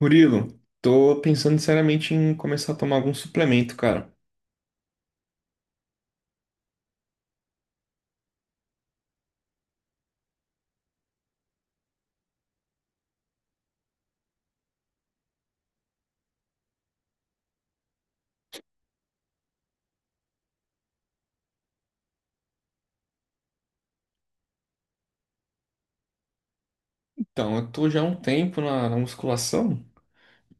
Murilo, tô pensando seriamente em começar a tomar algum suplemento, cara. Então, eu tô já há um tempo na musculação,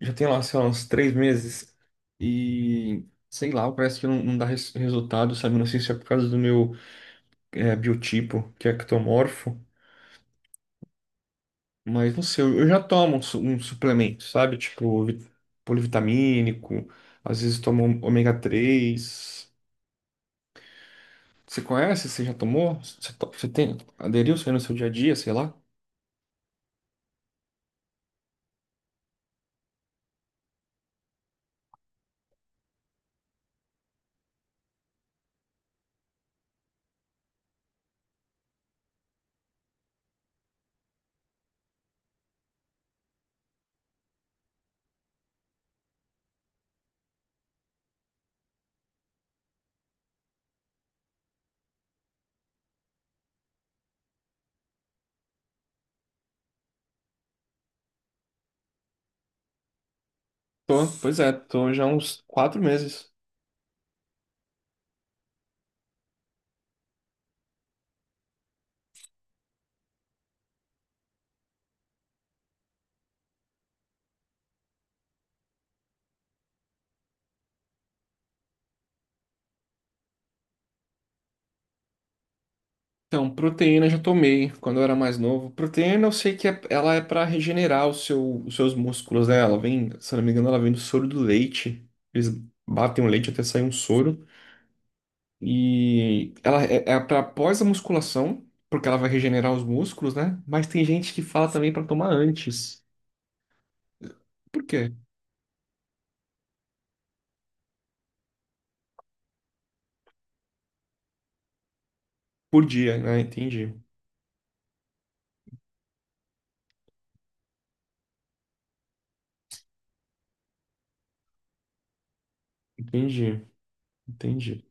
já tem lá, sei lá, uns 3 meses, e sei lá, parece que não dá resultado, sabe? Não sei se é por causa do meu biotipo, que é ectomorfo, mas não sei, eu já tomo um suplemento, sabe? Tipo, polivitamínico, às vezes tomo ômega 3. Você conhece? Você já tomou? Você tem, aderiu isso aí no seu dia a dia, sei lá? Tô, pois é, tô já há uns 4 meses. Então, proteína eu já tomei quando eu era mais novo. Proteína eu sei que ela é pra regenerar o os seus músculos, né? Ela vem, se eu não me engano, ela vem do soro do leite. Eles batem o leite até sair um soro. E ela é para após a musculação, porque ela vai regenerar os músculos, né? Mas tem gente que fala também pra tomar antes. Por quê? Por dia, né? Entendi. Entendi. Entendi.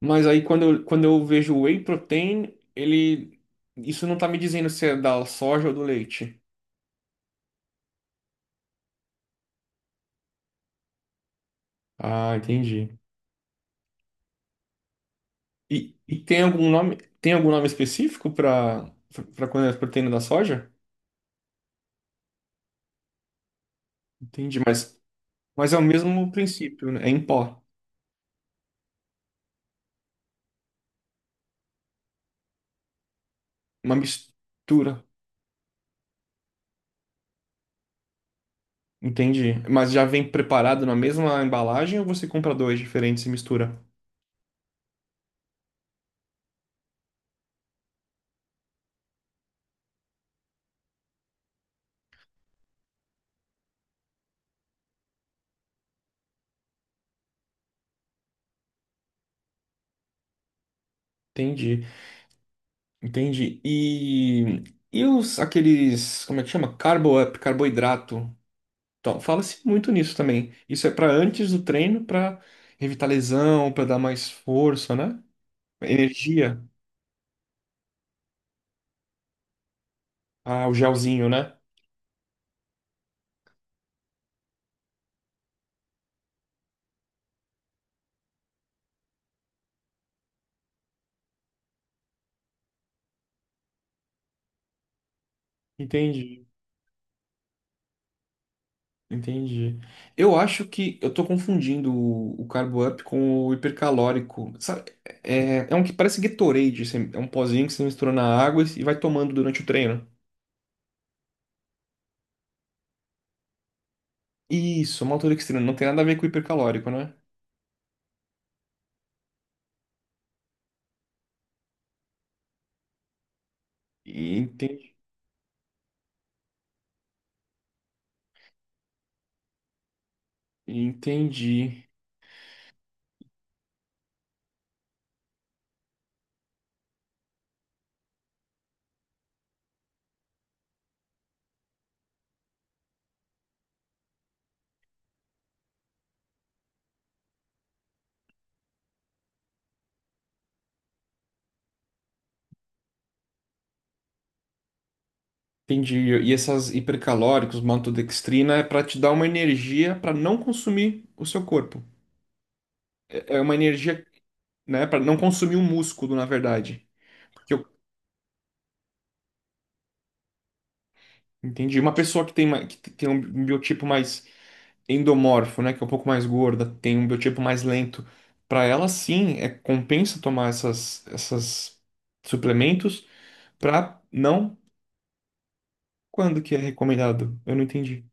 Mas aí quando eu vejo o whey protein, ele. Isso não tá me dizendo se é da soja ou do leite. Ah, entendi. E tem algum nome, específico para quando é proteína da soja? Entendi, mas é o mesmo princípio, né? É em pó, uma mistura. Entendi. Mas já vem preparado na mesma embalagem ou você compra dois diferentes e mistura? Entendi, entendi. E os aqueles, como é que chama? Carbo up, carboidrato. Então, fala-se muito nisso também. Isso é para antes do treino, para evitar lesão, para dar mais força, né? Energia. Ah, o gelzinho, né? Entendi, entendi. Eu acho que eu tô confundindo o Carbo Up com o hipercalórico. Sabe? É um que parece Gatorade, é um pozinho que você mistura na água e vai tomando durante o treino. Isso, maltodextrina, não tem nada a ver com o hipercalórico, né? Entendi, entendi. Entendi. E essas hipercalóricos, maltodextrina, é para te dar uma energia para não consumir o seu corpo. É uma energia, né, para não consumir o músculo, na verdade. Que eu entendi. Uma pessoa que tem um biotipo mais endomorfo, né, que é um pouco mais gorda, tem um biotipo mais lento, para ela sim, compensa tomar essas suplementos para não quando que é recomendado. Eu não entendi.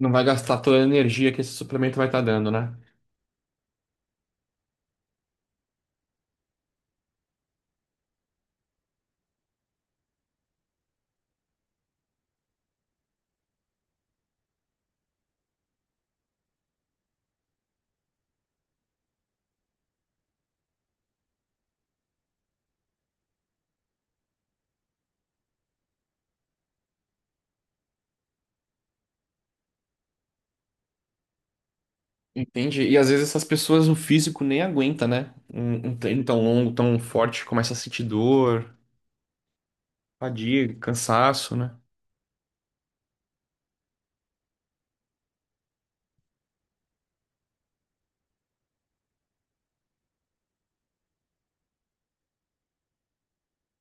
Não vai gastar toda a energia que esse suplemento vai estar dando, né? entende E às vezes essas pessoas o físico nem aguenta, né? Um treino tão longo, tão forte, começa a sentir dor, fadiga, cansaço, né?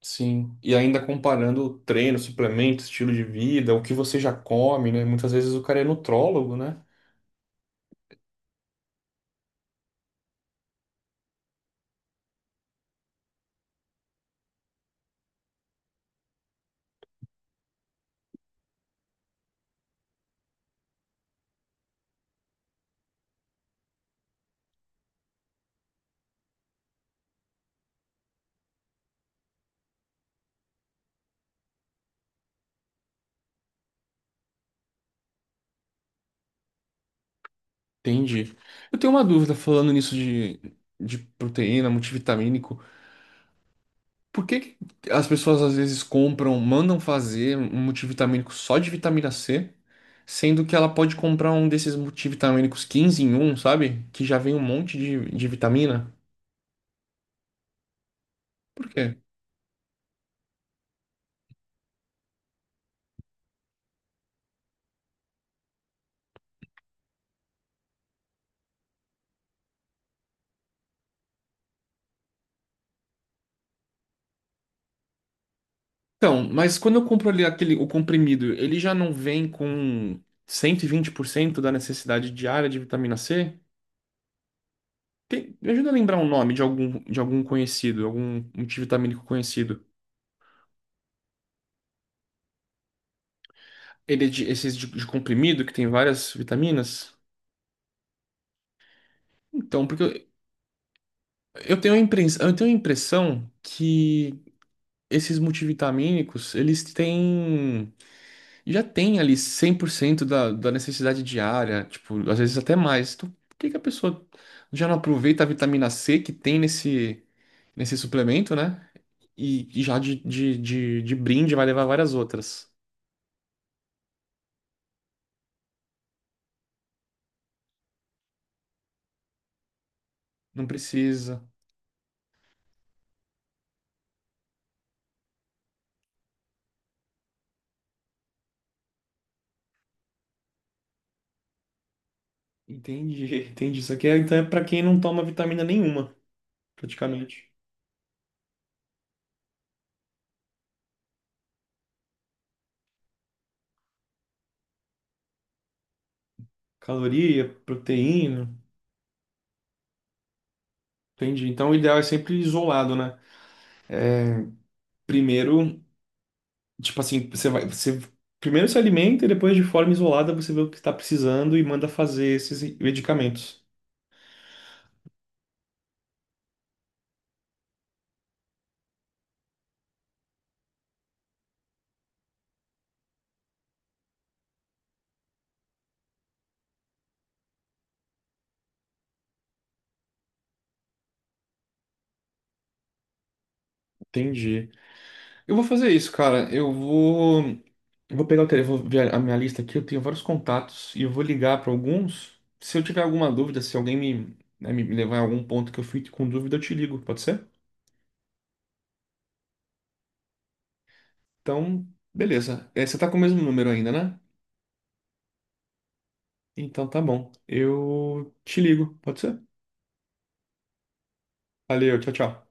Sim. E ainda comparando o treino, suplemento, estilo de vida, o que você já come, né? Muitas vezes o cara é nutrólogo, né? Entendi. Eu tenho uma dúvida falando nisso de proteína, multivitamínico. Por que que as pessoas às vezes compram, mandam fazer um multivitamínico só de vitamina C, sendo que ela pode comprar um desses multivitamínicos 15 em 1, sabe? Que já vem um monte de vitamina? Por quê? Então, mas quando eu compro ali aquele, o comprimido, ele já não vem com 120% da necessidade diária de vitamina C? Me ajuda a lembrar um nome de algum, conhecido, algum multivitamínico conhecido. Ele é de, esses de comprimido que tem várias vitaminas? Então, porque eu, Eu tenho a impressão que esses multivitamínicos, eles têm, já tem ali 100% da necessidade diária, tipo, às vezes até mais. Então, por que que a pessoa já não aproveita a vitamina C que tem nesse suplemento, né? E já de brinde vai levar várias outras. Não precisa. Entendi, entendi. Isso aqui então é para quem não toma vitamina nenhuma, praticamente. Caloria, proteína. Entendi. Então o ideal é sempre isolado, né? Primeiro, tipo assim, você primeiro se alimenta e depois de forma isolada você vê o que está precisando e manda fazer esses medicamentos. Entendi. Eu vou fazer isso, cara. Eu vou pegar o telefone, vou ver a minha lista aqui. Eu tenho vários contatos e eu vou ligar para alguns. Se eu tiver alguma dúvida, se alguém me, né, me levar a algum ponto que eu fique com dúvida, eu te ligo, pode ser? Então, beleza. É, você tá com o mesmo número ainda, né? Então tá bom. Eu te ligo, pode ser? Valeu, tchau, tchau.